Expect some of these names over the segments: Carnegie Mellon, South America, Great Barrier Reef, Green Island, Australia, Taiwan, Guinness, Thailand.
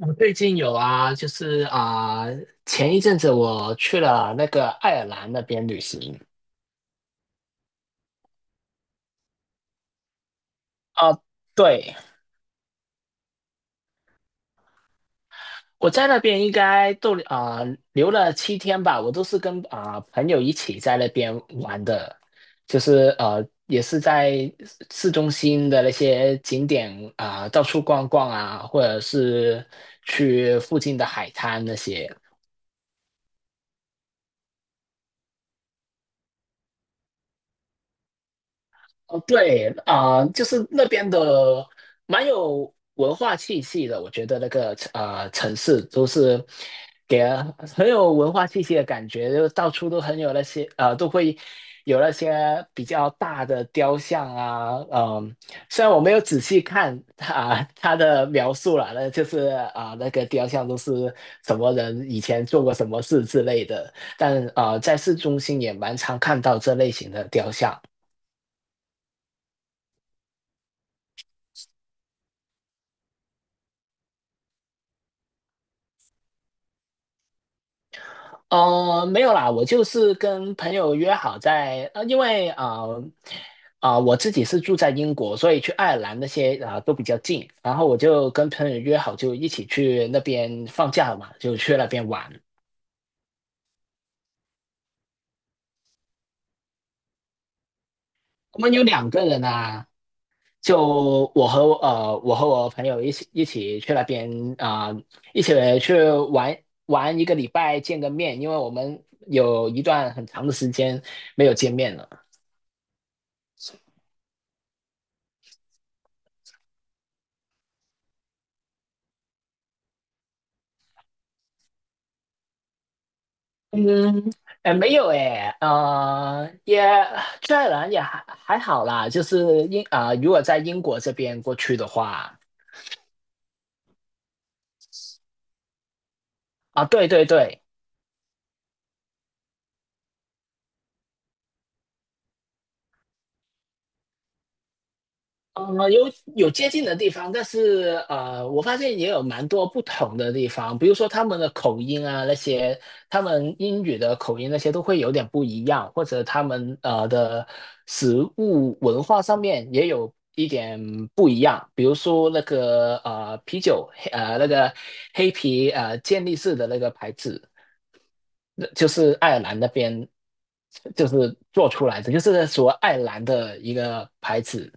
我最近有啊，就是前一阵子我去了那个爱尔兰那边旅行。啊、对，我在那边应该逗留啊、留了7天吧，我都是跟朋友一起在那边玩的，就是也是在市中心的那些景点，到处逛逛啊，或者是去附近的海滩那些。哦，对啊，就是那边的蛮有文化气息的，我觉得那个城市都是给人很有文化气息的感觉，就到处都很有那些，都会有那些比较大的雕像啊。嗯、虽然我没有仔细看他的描述啦，那就是那个雕像都是什么人以前做过什么事之类的，但在市中心也蛮常看到这类型的雕像。哦，没有啦，我就是跟朋友约好在，因为我自己是住在英国，所以去爱尔兰那些都比较近，然后我就跟朋友约好，就一起去那边放假嘛，就去那边玩。我们有两个人啊，就我和我朋友一起去那边啊、呃一起去玩玩一个礼拜，见个面，因为我们有一段很长的时间没有见面了。嗯，哎，没有哎，虽然也还好啦，就是如果在英国这边过去的话。啊，对对对，呃，有有接近的地方，但是我发现也有蛮多不同的地方，比如说他们的口音啊，那些他们英语的口音那些都会有点不一样，或者他们的食物文化上面也有一点不一样，比如说那个啤酒，黑呃那个黑啤健力士的那个牌子，那就是爱尔兰那边就是做出来的，就是所谓爱尔兰的一个牌子，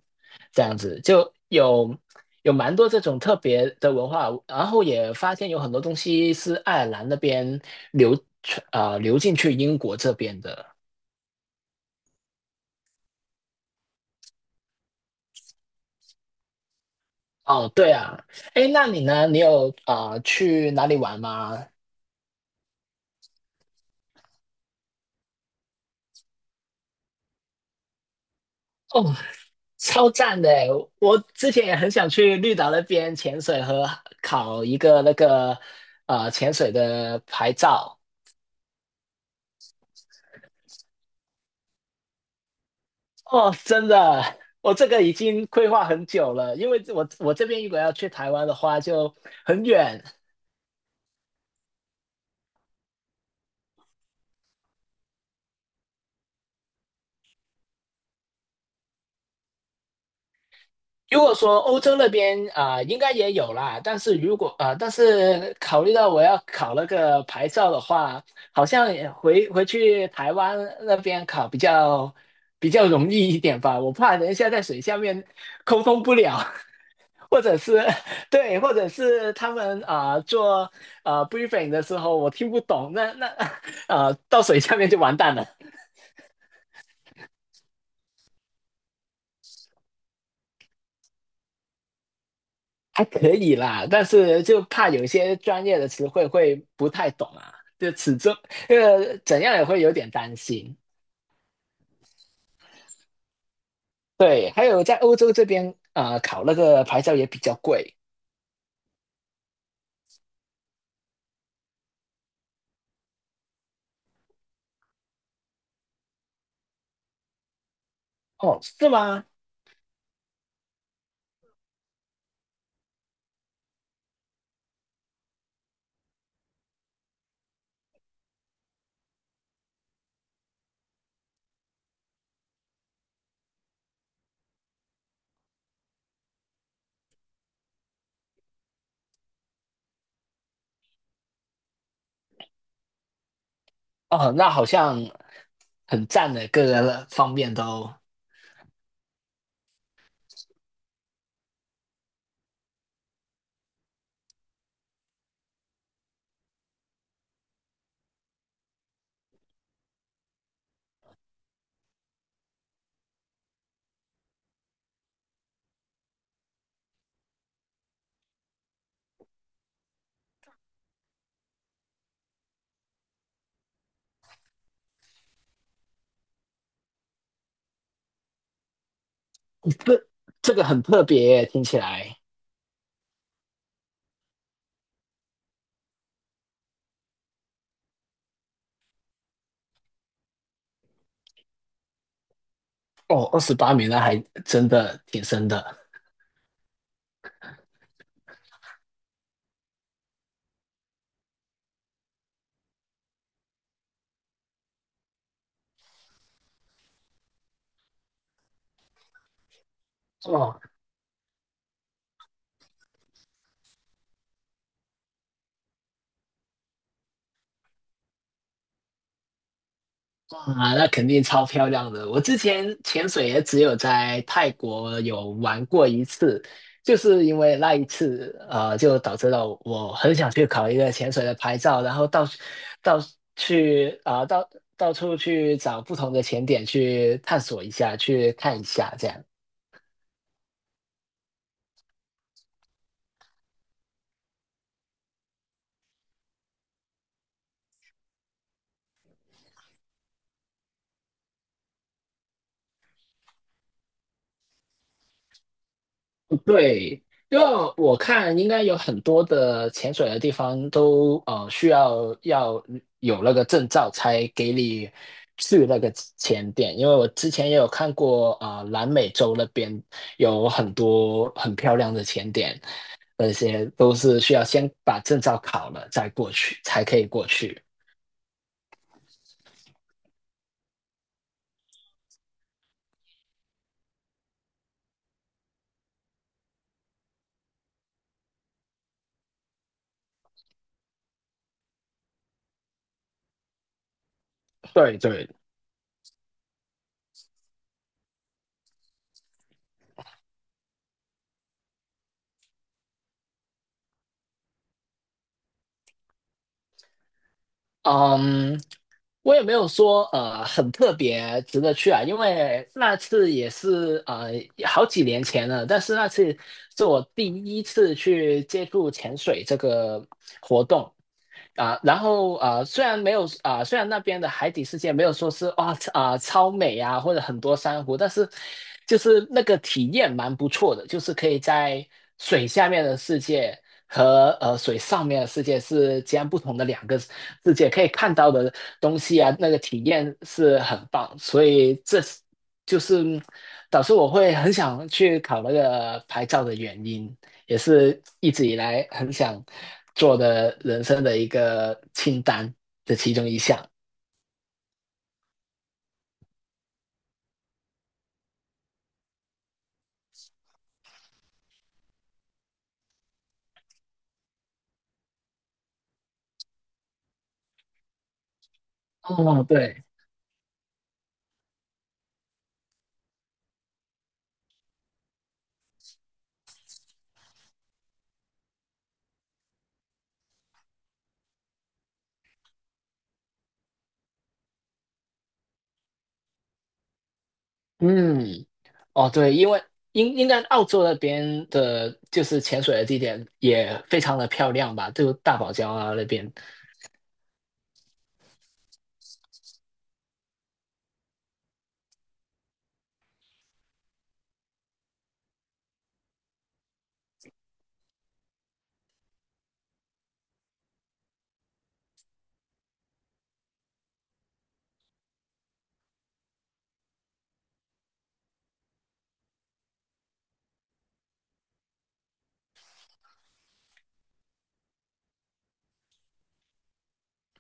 这样子就有蛮多这种特别的文化，然后也发现有很多东西是爱尔兰那边流传啊、呃流进去英国这边的。哦，对啊。哎，那你呢？你有去哪里玩吗？哦，超赞的欸！我之前也很想去绿岛那边潜水和考一个潜水的牌照。哦，真的，我这个已经规划很久了，因为我这边如果要去台湾的话就很远。如果说欧洲那边应该也有啦。但是如果啊、呃但是考虑到我要考那个牌照的话，好像也回去台湾那边考比较容易一点吧。我怕等一下在水下面沟通不了，或者是 对，或者是他们做briefing 的时候我听不懂，那 啊到水下面就完蛋了。还可以啦，但是就怕有些专业的词汇会不太懂啊，就始终怎样也会有点担心。对，还有在欧洲这边，考那个牌照也比较贵。哦，是吗？哦，那好像很赞的，各个方面都。这这个很特别耶，听起来。哦，28米那还真的挺深的哦。哇，那肯定超漂亮的。我之前潜水也只有在泰国有玩过一次，就是因为那一次，就导致了我很想去考一个潜水的牌照，然后到去啊、到到处去找不同的潜点去探索一下，去看一下这样。对，因为我看应该有很多的潜水的地方都需要有那个证照才给你去那个潜点，因为我之前也有看过南美洲那边有很多很漂亮的潜点，那些都是需要先把证照考了再过去才可以过去。对对。嗯，我也没有说很特别值得去啊，因为那次也是好几年前了，但是那次是我第一次去接触潜水这个活动，啊，然后啊，虽然没有啊，虽然那边的海底世界没有说是哇啊超美啊，或者很多珊瑚，但是就是那个体验蛮不错的，就是可以在水下面的世界和水上面的世界是截然不同的两个世界，可以看到的东西啊，那个体验是很棒，所以就是导致我会很想去考那个牌照的原因。也是一直以来很想做的人生的一个清单的其中一项。哦，对，嗯。哦，对，因为应该澳洲那边的，就是潜水的地点也非常的漂亮吧，就大堡礁啊那边。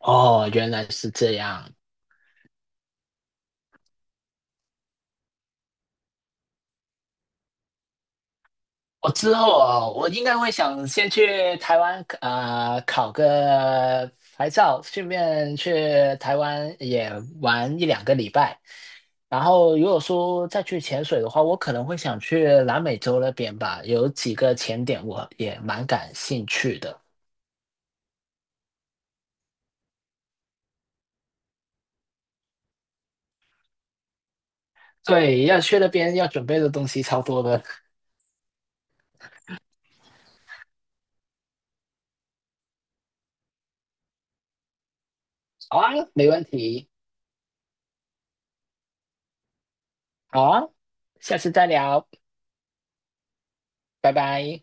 哦，原来是这样。我之后啊，我应该会想先去台湾考个牌照，顺便去台湾也玩一两个礼拜。然后如果说再去潜水的话，我可能会想去南美洲那边吧，有几个潜点我也蛮感兴趣的。对，要去那边要准备的东西超多的。好啊，没问题。好啊，下次再聊，拜拜。